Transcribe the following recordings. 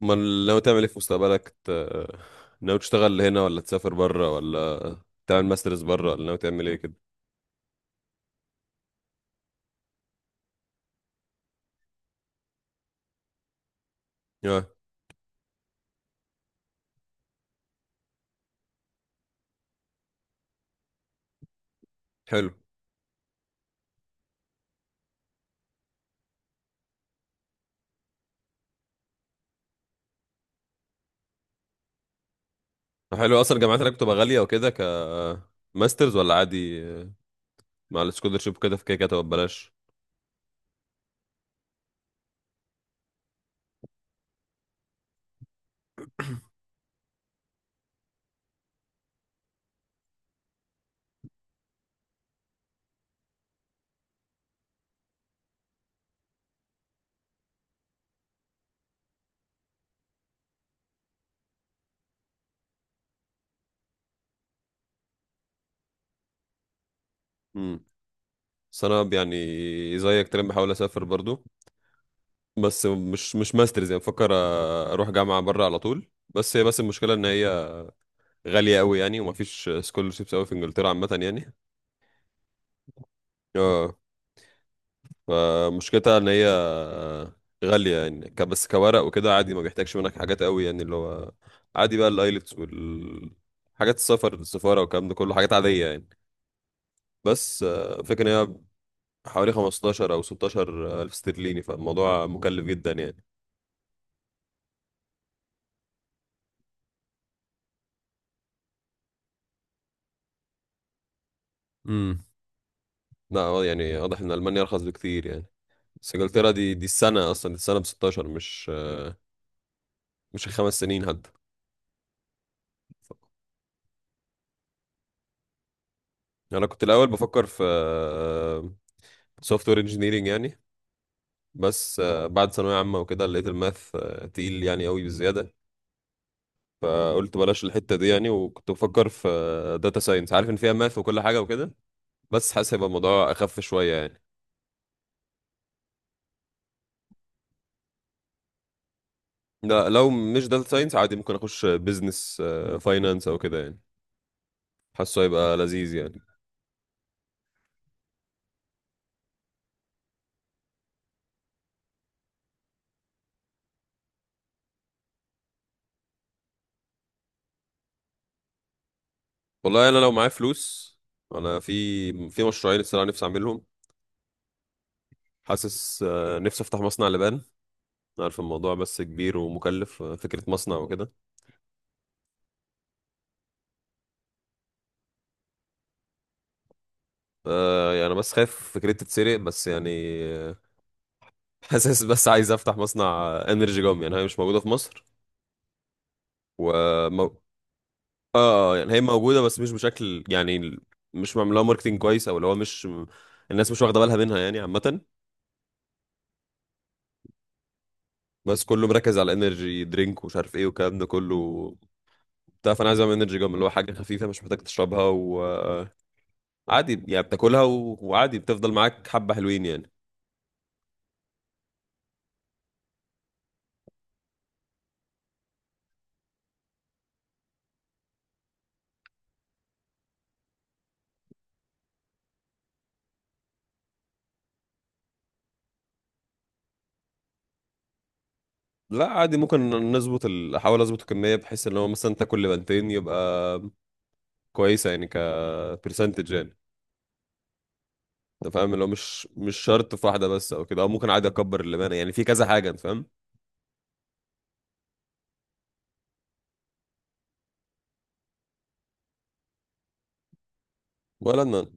ما ناوي تعمل ايه في مستقبلك؟ ناوي تشتغل هنا، ولا تسافر بره، ولا تعمل ماسترز بره، ولا ناوي تعمل ايه كده؟ اه. حلو. حلو، اصلا الجامعات هناك بتبقى غاليه وكده، ماسترز ولا عادي؟ مع السكولرشيب كده، في كده كده تبقى ببلاش. امم. بس انا يعني زيك تقريبا بحاول اسافر برضو. بس مش ماسترز، يعني بفكر اروح جامعه بره على طول. بس المشكله ان هي غاليه قوي يعني، ومفيش سكولرشيبس قوي في انجلترا عامه يعني. اه. فمشكلتها ان هي غالية يعني، بس كورق وكده عادي، ما بيحتاجش منك حاجات قوي يعني، اللي هو عادي بقى الايلتس وال حاجات السفر، السفارة والكلام ده كله حاجات عادية يعني. بس فكرة ان هي حوالي 15 او 16 الف استرليني، فالموضوع مكلف جدا يعني. امم. لا، يعني واضح ان المانيا ارخص بكتير يعني. بس انجلترا، دي السنة اصلا، دي السنة ب 16، مش الخمس سنين حتى. انا كنت الاول بفكر في سوفت وير انجينيرنج يعني. بس بعد ثانوية عامة وكده، لقيت الماث تقيل يعني قوي بزيادة. فقلت بلاش الحتة دي يعني، وكنت بفكر في داتا ساينس، عارف ان فيها ماث وكل حاجة وكده. بس حاسس هيبقى الموضوع اخف شوية يعني. لا، لو مش داتا ساينس عادي ممكن اخش بيزنس، فاينانس او كده يعني. حاسه هيبقى لذيذ يعني. والله انا لو معايا فلوس، انا في مشروعين الصراحة نفسي اعملهم. حاسس نفسي افتح مصنع لبان. عارف الموضوع بس كبير ومكلف، فكرة مصنع وكده. يعني أنا بس خايف فكرتي تتسرق بس يعني. آه، حاسس بس عايز افتح مصنع انرجي جام، يعني هي مش موجوده في مصر. و مو... اه. يعني هي موجوده بس مش بشكل يعني، مش معمول لها ماركتنج كويس، او اللي هو مش الناس مش واخده بالها منها يعني عامه. بس كله مركز على انرجي درينك ومش عارف ايه والكلام ده كله بتاع، فانا عايز اعمل انرجي جام اللي هو حاجه خفيفه مش محتاج تشربها وعادي يعني، بتاكلها و... وعادي بتفضل معاك، حبه حلوين يعني. لا عادي، ممكن نظبط احاول اظبط الكميه، بحيث ان هو مثلا انت كل بنتين يبقى كويسه يعني، كبرسنتج يعني. انت فاهم اللي هو مش شرط في واحده بس او كده، او ممكن عادي اكبر اللبانه يعني في كذا حاجه، انت فاهم. ولا انا.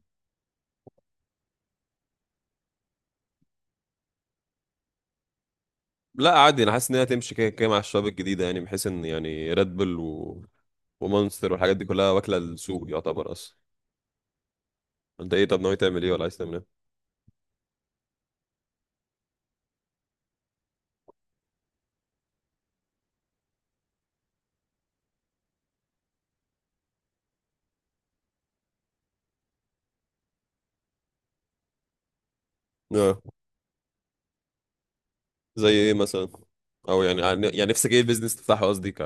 لا عادي، انا حاسس ان هي هتمشي كده كده مع الشباب الجديده يعني، بحيث ان يعني ريد بل ومونستر والحاجات دي كلها واكله السوق يعتبر اصلا. انت ايه طب، ناوي تعمل ايه ولا عايز تعمل ايه؟ اه. زي ايه مثلا؟ او يعني نفسك ايه البيزنس تفتحه، قصدي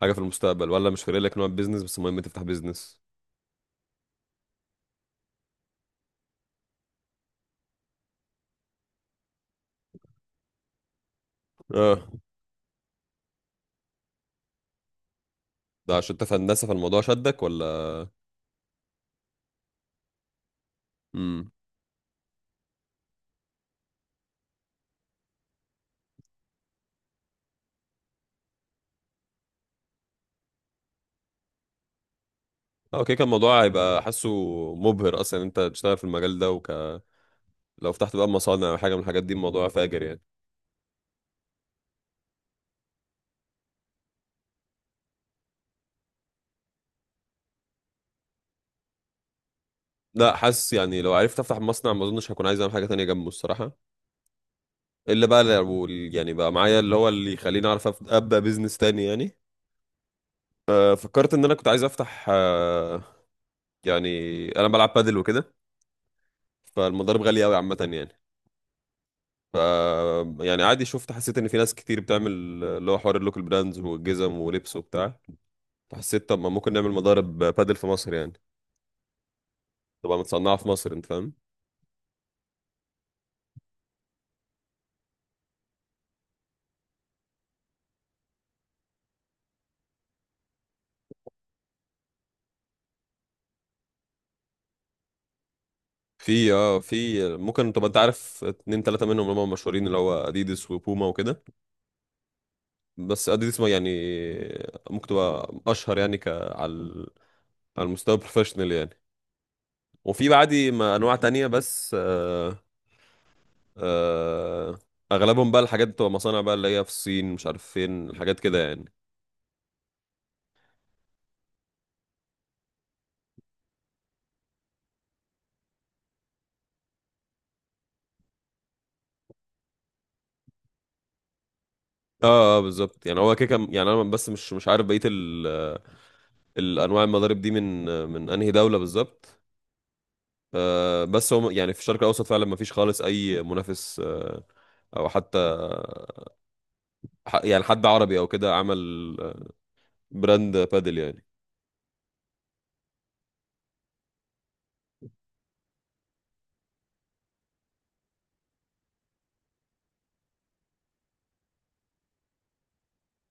حاجه في المستقبل، ولا مش فارق لك نوع البيزنس بس المهم تفتح بيزنس؟ اه. ده عشان انت في هندسه فالموضوع شدك، ولا؟ امم. اه، كده كان الموضوع هيبقى حاسه مبهر اصلا ان انت تشتغل في المجال ده، لو فتحت بقى مصانع او حاجه من الحاجات دي، الموضوع فاجر يعني. لا حاسس يعني، لو عرفت افتح مصنع ما اظنش هكون عايز اعمل حاجه تانية جنبه الصراحه. الا بقى لو يعني بقى معايا اللي هو اللي يخليني اعرف ابدا بيزنس تاني يعني. فكرت ان انا كنت عايز افتح، يعني انا بلعب بادل وكده، فالمضارب غاليه قوي عامه يعني. ف يعني عادي شفت حسيت ان في ناس كتير بتعمل اللي هو حوار اللوكال براندز والجزم ولبس وبتاع، فحسيت طب ما ممكن نعمل مضارب بادل في مصر يعني، تبقى متصنعه في مصر، انت فاهم. في اه في ممكن طب انت عارف اتنين تلاته منهم اللي هم مشهورين، اللي هو اديدس وبوما وكده. بس اديدس ما يعني ممكن تبقى اشهر يعني، على المستوى البروفيشنال يعني. وفي بعدي ما انواع تانية بس آه اغلبهم بقى الحاجات بتبقى مصانع بقى اللي هي في الصين، مش عارف فين الحاجات كده يعني. اه اه بالظبط يعني، هو كده يعني انا بس مش عارف بقيه الانواع المضارب دي من انهي دوله بالظبط. بس هو يعني في الشرق الاوسط فعلا ما فيش خالص اي منافس، او حتى يعني حد عربي او كده عمل براند بادل يعني.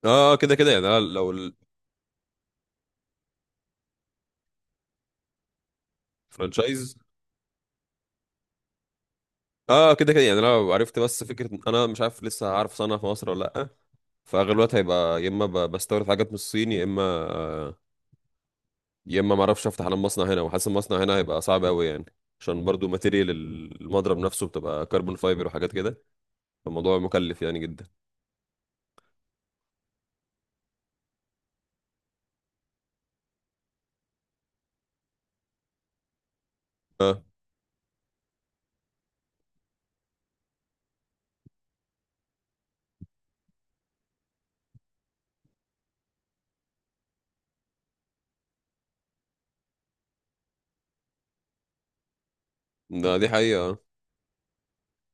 اه، كده كده يعني انا لو. الفرانشايز. اه، كده كده يعني انا لو عرفت، بس فكره إن انا مش عارف لسه هعرف صنع في مصر ولا لا. فاغلب الوقت هيبقى يا اما بستورد حاجات من الصين، يا اما ما اعرفش افتح على المصنع هنا. وحاسس المصنع هنا هيبقى صعب قوي يعني، عشان برضو ماتيريال المضرب نفسه بتبقى كربون فايبر وحاجات كده، فالموضوع مكلف يعني جدا. اه. دي حقيقة.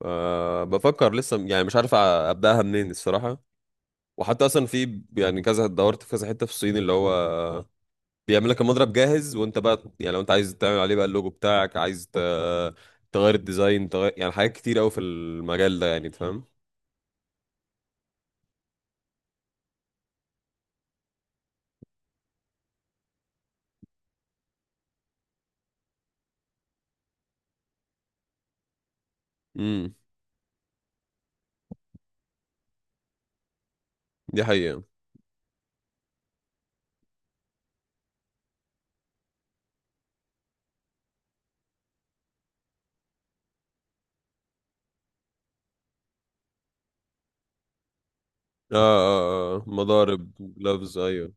بفكر لسه يعني، مش عارف ابداها منين الصراحة. وحتى اصلا في يعني كذا، دورت في كذا حتة في الصين اللي هو بيعمل لك المضرب جاهز، وانت بقى يعني لو انت عايز تعمل عليه بقى اللوجو بتاعك، عايز تغير الديزاين، تغير يعني حاجات كتير قوي في المجال ده يعني تفهم. امم. دي حقيقة. اه، مضارب جلافز ايوه.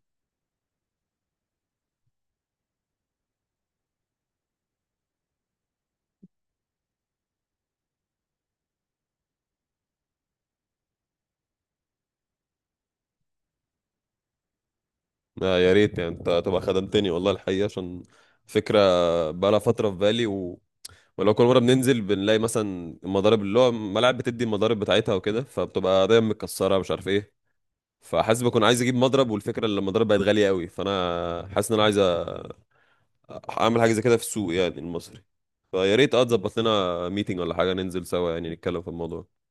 يا ريت يعني انت تبقى خدمتني والله الحقيقه، عشان فكره بقالها فتره في بالي، ولو كل مره بننزل بنلاقي مثلا المضارب، اللي هو ملاعب بتدي المضارب بتاعتها وكده، فبتبقى دايما متكسره مش عارف ايه. فحاسس بكون عايز اجيب مضرب، والفكره ان المضارب بقت غاليه قوي، فانا حاسس ان انا عايز اعمل حاجه زي كده في السوق يعني المصري. فيا ريت اه تظبط لنا ميتنج ولا حاجه، ننزل سوا يعني نتكلم في الموضوع.